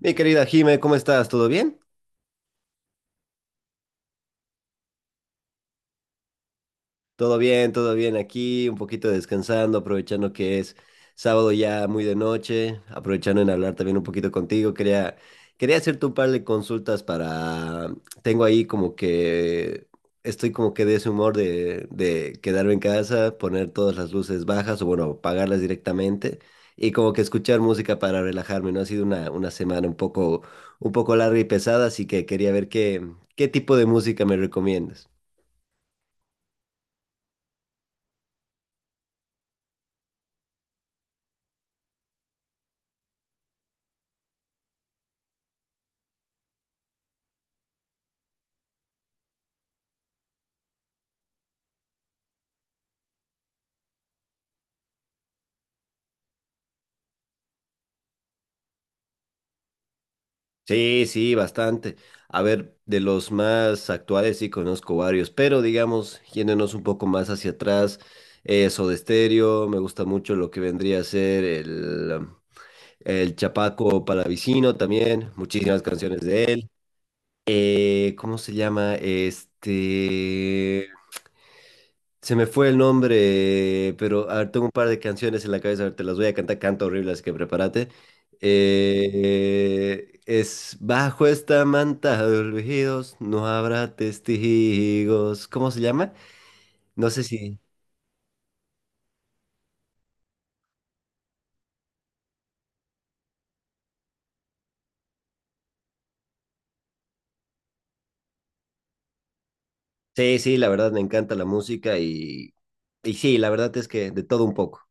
Mi querida Jime, ¿cómo estás? ¿Todo bien? Todo bien, todo bien aquí, un poquito descansando, aprovechando que es sábado ya muy de noche, aprovechando en hablar también un poquito contigo. Quería hacerte un par de consultas para... Tengo ahí como que... Estoy como que de ese humor de quedarme en casa, poner todas las luces bajas o bueno, apagarlas directamente y como que escuchar música para relajarme, ¿no? Ha sido una semana un poco larga y pesada, así que quería ver qué tipo de música me recomiendas. Sí, sí, bastante. A ver, de los más actuales sí conozco varios, pero digamos, yéndonos un poco más hacia atrás, Soda Stereo, me gusta mucho lo que vendría a ser el, el Chapaco Palavicino también, muchísimas canciones de él. ¿Cómo se llama? Este... Se me fue el nombre, pero a ver, tengo un par de canciones en la cabeza, a ver, te las voy a cantar, canto horrible, así que prepárate. Es bajo esta manta de olvidos, no habrá testigos. ¿Cómo se llama? No sé si. Sí, sí, la verdad me encanta la música y sí, la verdad es que de todo un poco.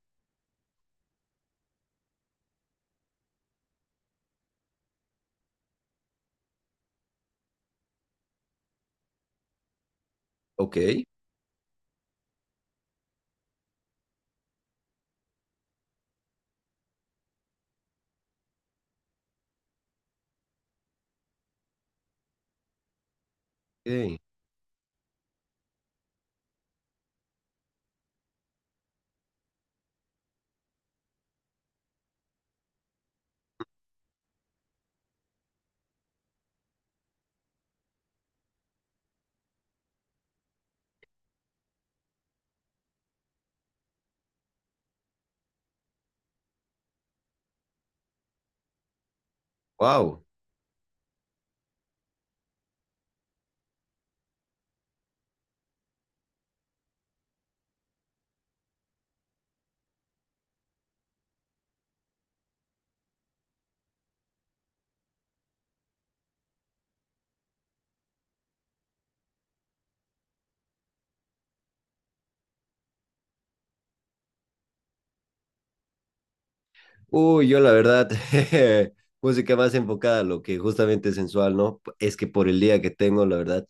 Ok, ok, wow. Uy, yo la verdad, música más enfocada a lo que justamente es sensual, ¿no? Es que por el día que tengo, la verdad.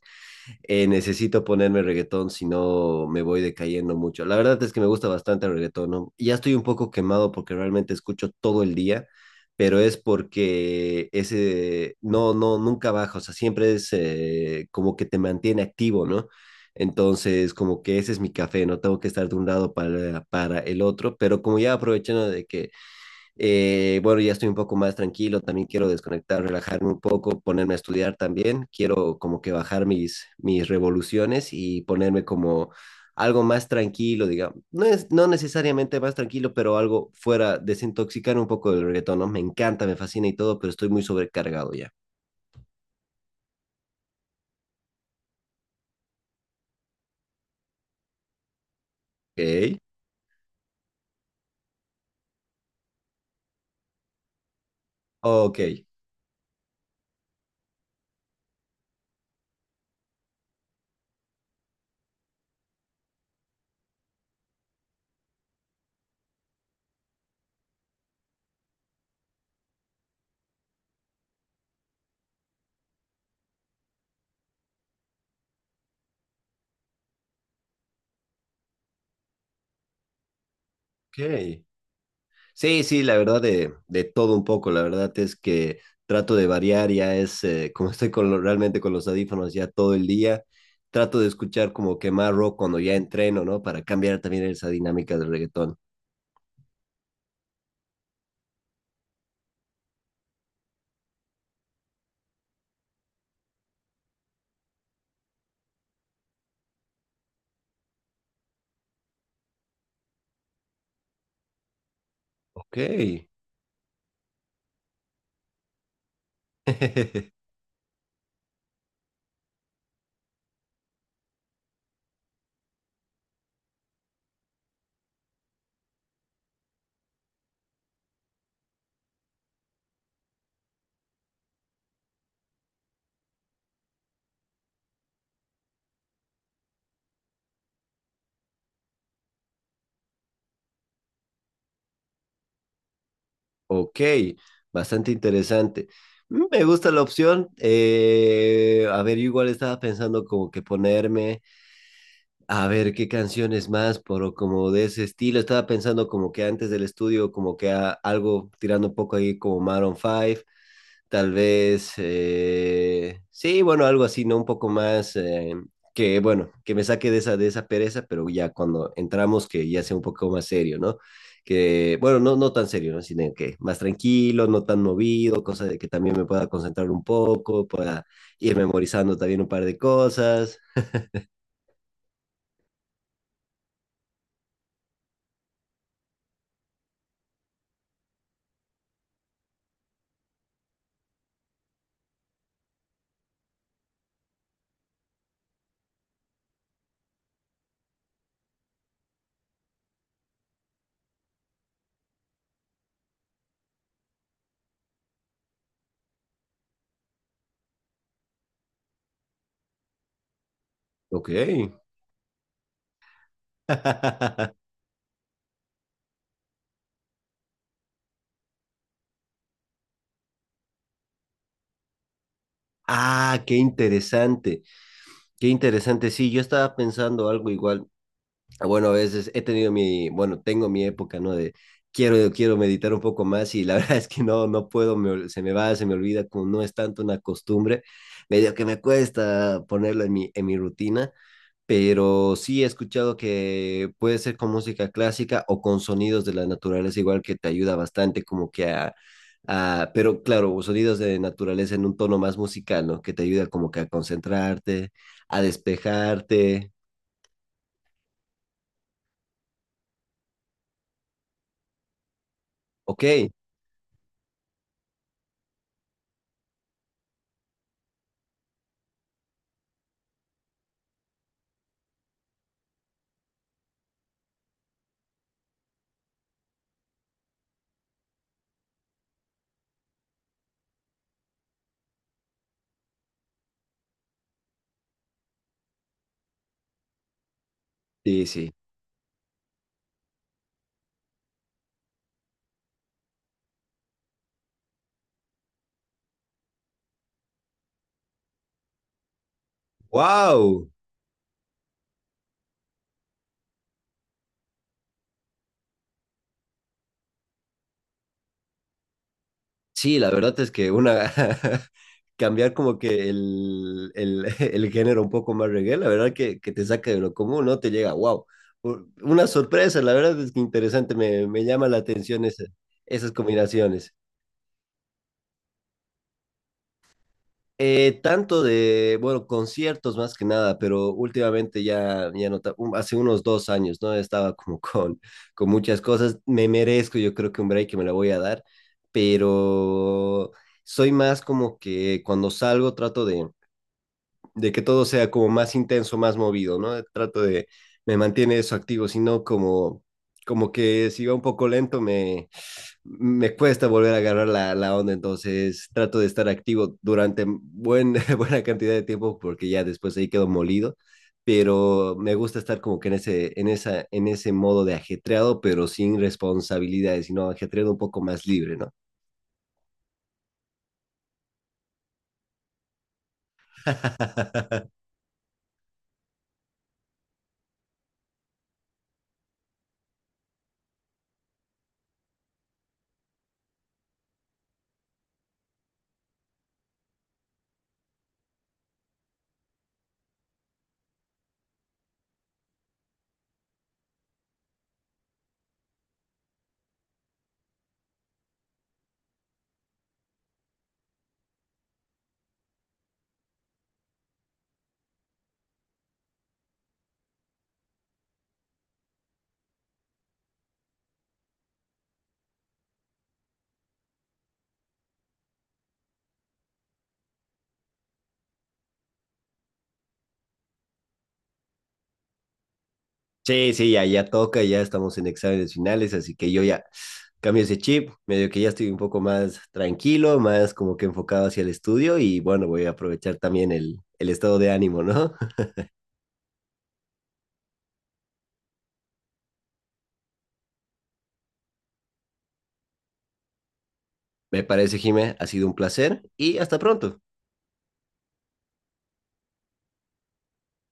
Eh, necesito ponerme reggaetón, si no me voy decayendo mucho. La verdad es que me gusta bastante el reggaetón, ¿no? Ya estoy un poco quemado porque realmente escucho todo el día, pero es porque ese, no, no, nunca baja, o sea, siempre es como que te mantiene activo, ¿no? Entonces, como que ese es mi café, no tengo que estar de un lado para el otro, pero como ya aprovechando de que bueno, ya estoy un poco más tranquilo, también quiero desconectar, relajarme un poco, ponerme a estudiar también, quiero como que bajar mis revoluciones y ponerme como algo más tranquilo, digamos, no es, no necesariamente más tranquilo, pero algo fuera, desintoxicar un poco del reggaetón, ¿no? Me encanta, me fascina y todo, pero estoy muy sobrecargado ya. Ok, ok, ok. Sí, sí, la verdad de todo un poco, la verdad es que trato de variar, ya es, como estoy con lo- realmente con los audífonos ya todo el día, trato de escuchar como que más rock cuando ya entreno, ¿no? Para cambiar también esa dinámica del reggaetón. Ok, ok, bastante interesante. Mm, me gusta la opción. Eh, a ver, yo igual estaba pensando como que ponerme... A ver, ¿qué canciones más? Pero como de ese estilo, estaba pensando como que antes del estudio, como que a- algo tirando un poco ahí como Maroon 5, tal vez, sí, bueno, algo así, ¿no? Un poco más que, bueno, que me saque de esa pereza, pero ya cuando entramos que ya sea un poco más serio, ¿no? Que, bueno, no, no tan serio, ¿no? Sino que más tranquilo, no tan movido, cosa de que también me pueda concentrar un poco, pueda ir memorizando también un par de cosas. Ok. Ah, qué interesante, qué interesante. Sí, yo estaba pensando algo igual. Ah, bueno, a veces he tenido mi, bueno, tengo mi época, ¿no? De quiero meditar un poco más y la verdad es que no, no puedo, me ol- se me va, se me olvida, como no es tanto una costumbre, medio que me cuesta ponerlo en en mi rutina pero sí he escuchado que puede ser con música clásica o con sonidos de la naturaleza, igual que te ayuda bastante como que a- pero claro, sonidos de naturaleza en un tono más musical, ¿no? Que te ayuda como que a concentrarte, a despejarte. Ok, sí, sí. ¡Wow! Sí, la verdad es que una cambiar como que el género un poco más reggae, la verdad que te saca de lo común, ¿no? Te llega, wow, una sorpresa, la verdad es que interesante, me llama la atención esa- esas combinaciones. Tanto de, bueno, conciertos más que nada, pero últimamente ya, ya no, ta- un- hace unos 2 años, ¿no? Estaba como con muchas cosas, me merezco, yo creo que un break que me la voy a dar, pero soy más como que cuando salgo trato de que todo sea como más intenso, más movido, ¿no? Trato de, me mantiene eso activo, sino como, como que si va un poco lento me, me cuesta volver a agarrar la onda, entonces trato de estar activo durante buen, buena cantidad de tiempo porque ya después ahí quedo molido, pero me gusta estar como que en ese modo de ajetreado, pero sin responsabilidades, sino ajetreado un poco más libre, ¿no? Sí, sí, ya toca, ya estamos en exámenes finales, así que yo ya cambio ese chip, medio que ya estoy un poco más tranquilo, más como que enfocado hacia el estudio y bueno, voy a aprovechar también el estado de ánimo, ¿no? Me parece, Jimé, ha sido un placer y hasta pronto.